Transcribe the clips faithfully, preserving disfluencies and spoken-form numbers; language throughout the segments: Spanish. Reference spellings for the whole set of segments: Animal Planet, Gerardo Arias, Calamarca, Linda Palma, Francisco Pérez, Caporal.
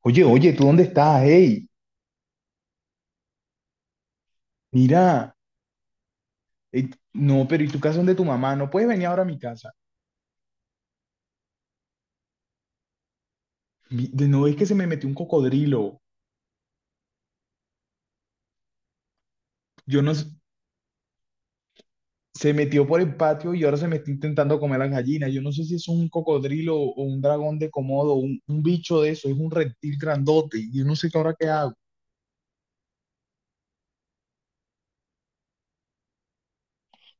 Oye, oye, ¿tú dónde estás? Hey, mira, eh, no, pero ¿y tu casa? ¿Dónde tu mamá? No puedes venir ahora a mi casa. Mi- de- No es que se me metió un cocodrilo. Yo no, s- Se metió por el patio y ahora se me está intentando comer las gallinas. Yo no sé si es un cocodrilo o un dragón de Komodo, un, un bicho de eso, es un reptil grandote. y Yo no sé qué ahora qué hago.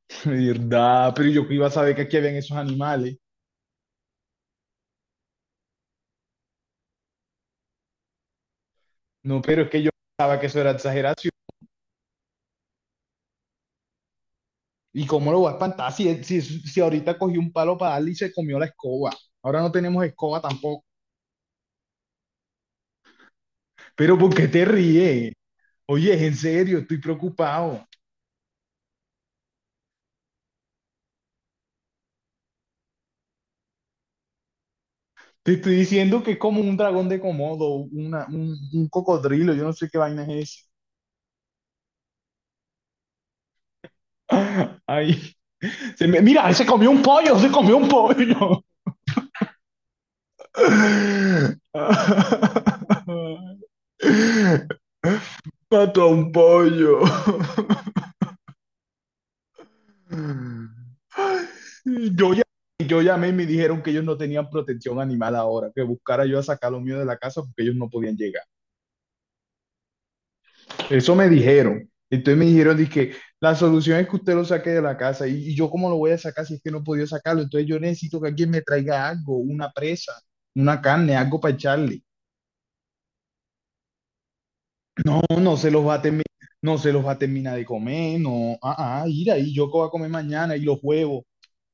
De verdad, pero yo que iba a saber que aquí habían esos animales. No, pero es que yo pensaba que eso era exageración. ¿Y cómo lo va a espantar si, él- si, si ahorita cogí un palo para darle y se comió la escoba? Ahora no tenemos escoba tampoco. Pero ¿por qué te ríes? Oye, es en serio, estoy preocupado. Te estoy diciendo que es como un dragón de Komodo, una, un, un cocodrilo, yo no sé qué vaina es esa. Ay, se me- mira, se comió un pollo, se comió un pollo. Mató a un pollo. Yo, ya- yo llamé y me dijeron que ellos no tenían protección animal ahora, que buscara yo a sacar lo mío de la casa porque ellos no podían llegar. Eso me dijeron. Entonces me dijeron, dije, la solución es que usted lo saque de la casa. ¿Y, y yo cómo lo voy a sacar si es que no podía sacarlo? Entonces yo necesito que alguien me traiga algo, una presa, una carne, algo para echarle. No, no se los va a terminar, no se los va a terminar de comer, no. Ah, ah, ir ahí, yo qué voy a comer mañana, y los huevos,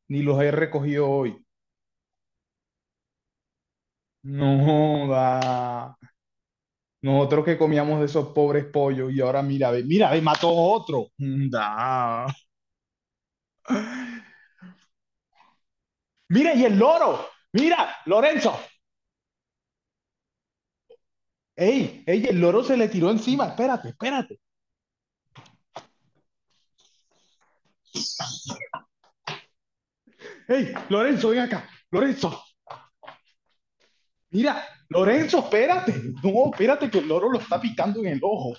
ni los he recogido hoy. No, da. Nosotros que comíamos de esos pobres pollos y ahora mira, ve, mira, ve, mató otro. Da. Mira, y el loro. Mira, Lorenzo. Ey, ey, el loro se le tiró encima. Espérate, espérate. Ey, Lorenzo, ven acá. Lorenzo, mira, Lorenzo, espérate. No, espérate que el loro lo está picando en el ojo.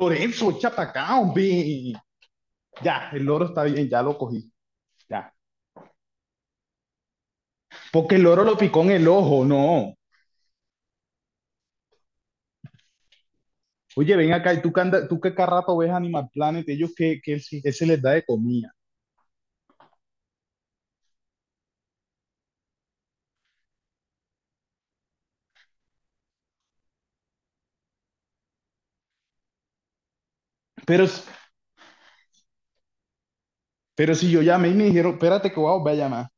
Lorenzo, echa pa' acá, hombre. Ya, el loro está bien, ya lo cogí. Ya. Porque el loro lo picó en el ojo, no. Oye, ven acá, y tú que, anda- tú que cada rato ves Animal Planet, ellos que, que se les da de comida. Pero, pero si yo llamé y me dijeron, espérate que voy a volver a llamar.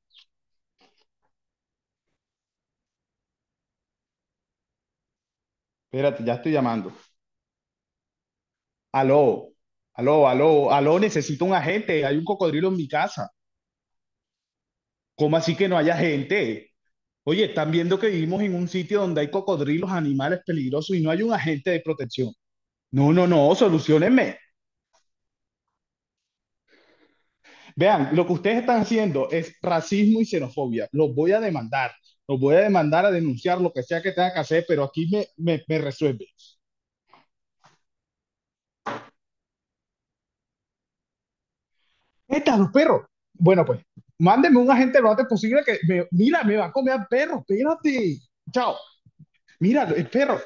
Espérate, ya estoy llamando. Aló, aló, aló, aló, necesito un agente. Hay un cocodrilo en mi casa. ¿Cómo así que no hay agente? Oye, están viendo que vivimos en un sitio donde hay cocodrilos, animales peligrosos y no hay un agente de protección. No, no, no, solucionenme. Vean, lo que ustedes están haciendo es racismo y xenofobia. Los voy a demandar, los voy a demandar, a denunciar lo que sea que tenga que hacer, pero aquí me, me, me resuelve. Estas los perros. Bueno, pues, mándenme un agente lo antes posible que, me, mira, me va a comer al perro, espérate. Chao. Mira, el perro.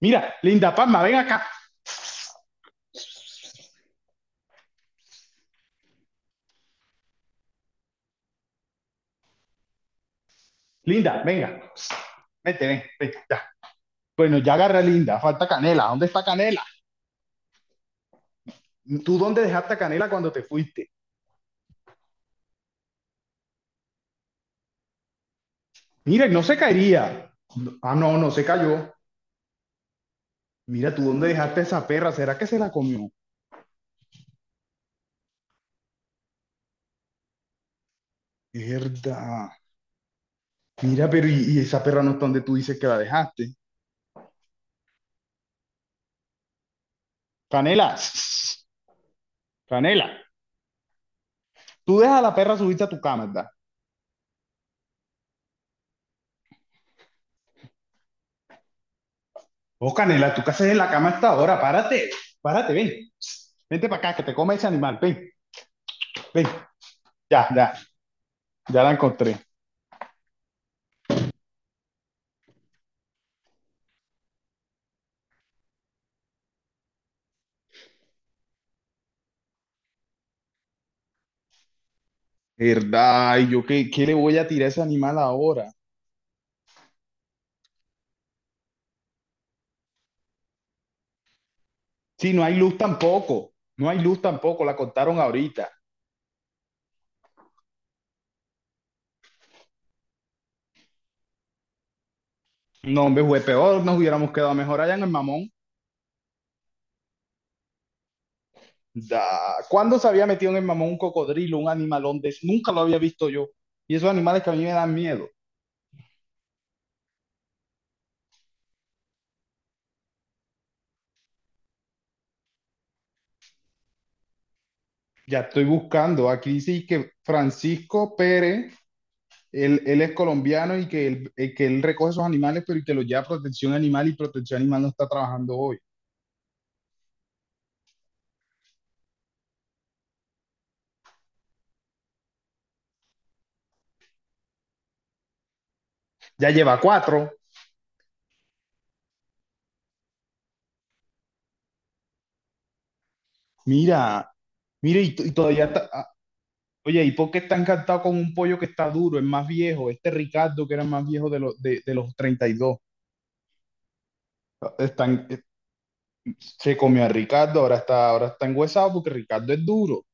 Mira, Linda Palma, ven acá. Linda, venga. Vete, ven, ven, ya. Bueno, ya agarra Linda, falta Canela. ¿Dónde está Canela? ¿Tú dónde dejaste a Canela cuando te fuiste? Mira, no se caería. Ah, no, no se cayó. Mira, ¿tú dónde dejaste a esa perra? ¿Será que se la comió? Verdad. Mira, pero y, y esa perra no está donde tú dices que la dejaste. Canela, Canela, tú dejas a la perra subirse a tu cama, ¿verdad? Oh, Canela, ¿tú qué haces en la cama hasta ahora? Párate, párate, ven. Vente para acá, que te come ese animal. Ven, ven. Ya, ya, ya la encontré. ¿Verdad? ¿Y yo qué, qué le voy a tirar a ese animal ahora? Sí, no hay luz tampoco. No hay luz tampoco, la cortaron ahorita. No, hombre, fue peor, nos hubiéramos quedado mejor allá en el mamón. Da. ¿Cuándo se había metido en el mamón un cocodrilo, un animalón de eso? Nunca lo había visto yo. Y esos animales que a mí me dan miedo. Ya estoy buscando. Aquí dice que Francisco Pérez, él, él es colombiano y que él, eh, que él recoge esos animales, pero y que los lleva a protección animal, y protección animal no está trabajando hoy. Ya lleva cuatro. Mira, mira, y, t- y todavía está. Ah, oye, ¿y por qué está encantado con un pollo que está duro? Es más viejo. Este Ricardo, que era más viejo de, los de, de los treinta y dos. Están, eh, se comió a Ricardo, ahora está, ahora está enguesado porque Ricardo es duro.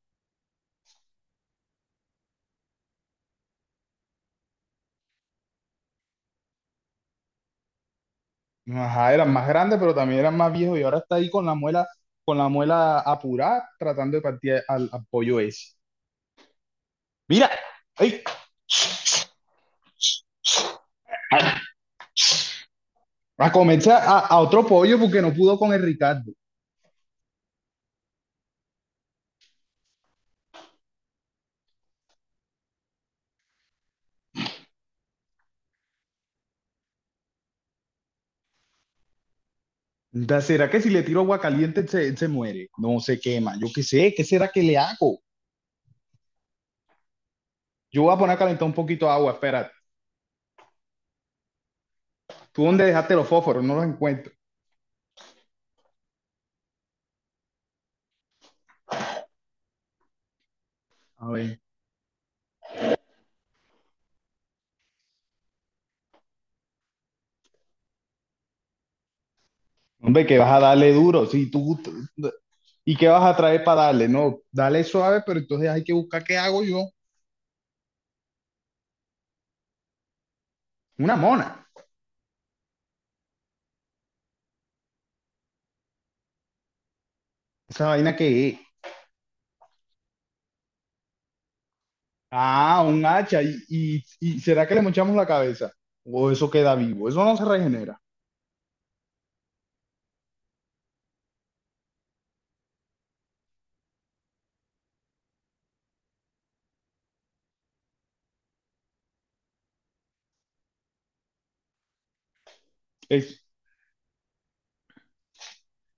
Ajá, eran más grandes, pero también eran más viejos y ahora está ahí con la muela, con la muela apurada, tratando de partir al, al pollo ese. Mira, ¡ay! A comerse a, a otro pollo porque no pudo con el Ricardo. Da- ¿Será que si le tiro agua caliente se, se muere? No se quema, yo qué sé, ¿qué será que le hago? Yo voy a poner a calentar un poquito de agua, espera. ¿Tú dónde dejaste los fósforos? No los encuentro. A ver. Hombre, que vas a darle duro. Si tú, ¿y qué vas a traer para darle? No, dale suave, pero entonces hay que buscar qué hago yo. Una mona. Esa vaina que es. Ah, un hacha. ¿Y, y, y será que le mochamos la cabeza? O eso queda vivo. Eso no se regenera. Es,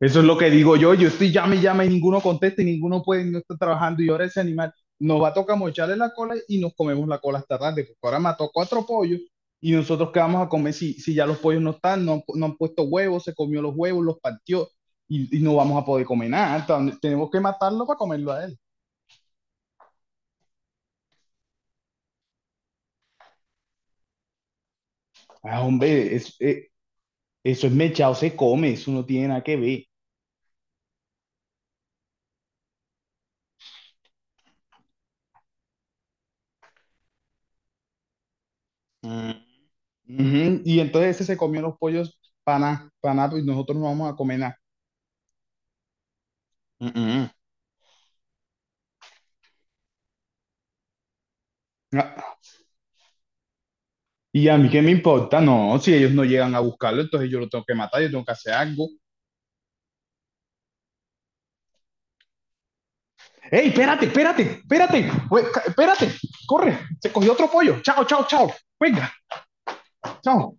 eso es lo que digo yo. Yo estoy llame y llame y ninguno contesta y ninguno puede, no está trabajando. Y ahora ese animal nos va a tocar mocharle la cola y nos comemos la cola hasta tarde, porque ahora mató cuatro pollos y nosotros qué vamos a comer si, si ya los pollos no están, no, han no han puesto huevos, se comió los huevos, los partió y, y no vamos a poder comer nada. Entonces, tenemos que matarlo para comerlo a él. Ah, hombre, es- eh, eso es mechado, se come, eso no tiene nada que ver. Mm, ujú, y entonces ese se comió los pollos para nada, para nada, y nosotros no vamos a comer nada. Mm, mm. Y a mí qué me importa, no, si ellos no llegan a buscarlo, entonces yo lo tengo que matar, yo tengo que hacer algo. ¡Ey, espérate, espérate, espérate! Ue- ca- Espérate, corre, se cogió otro pollo. Chao, chao, chao. Venga, chao.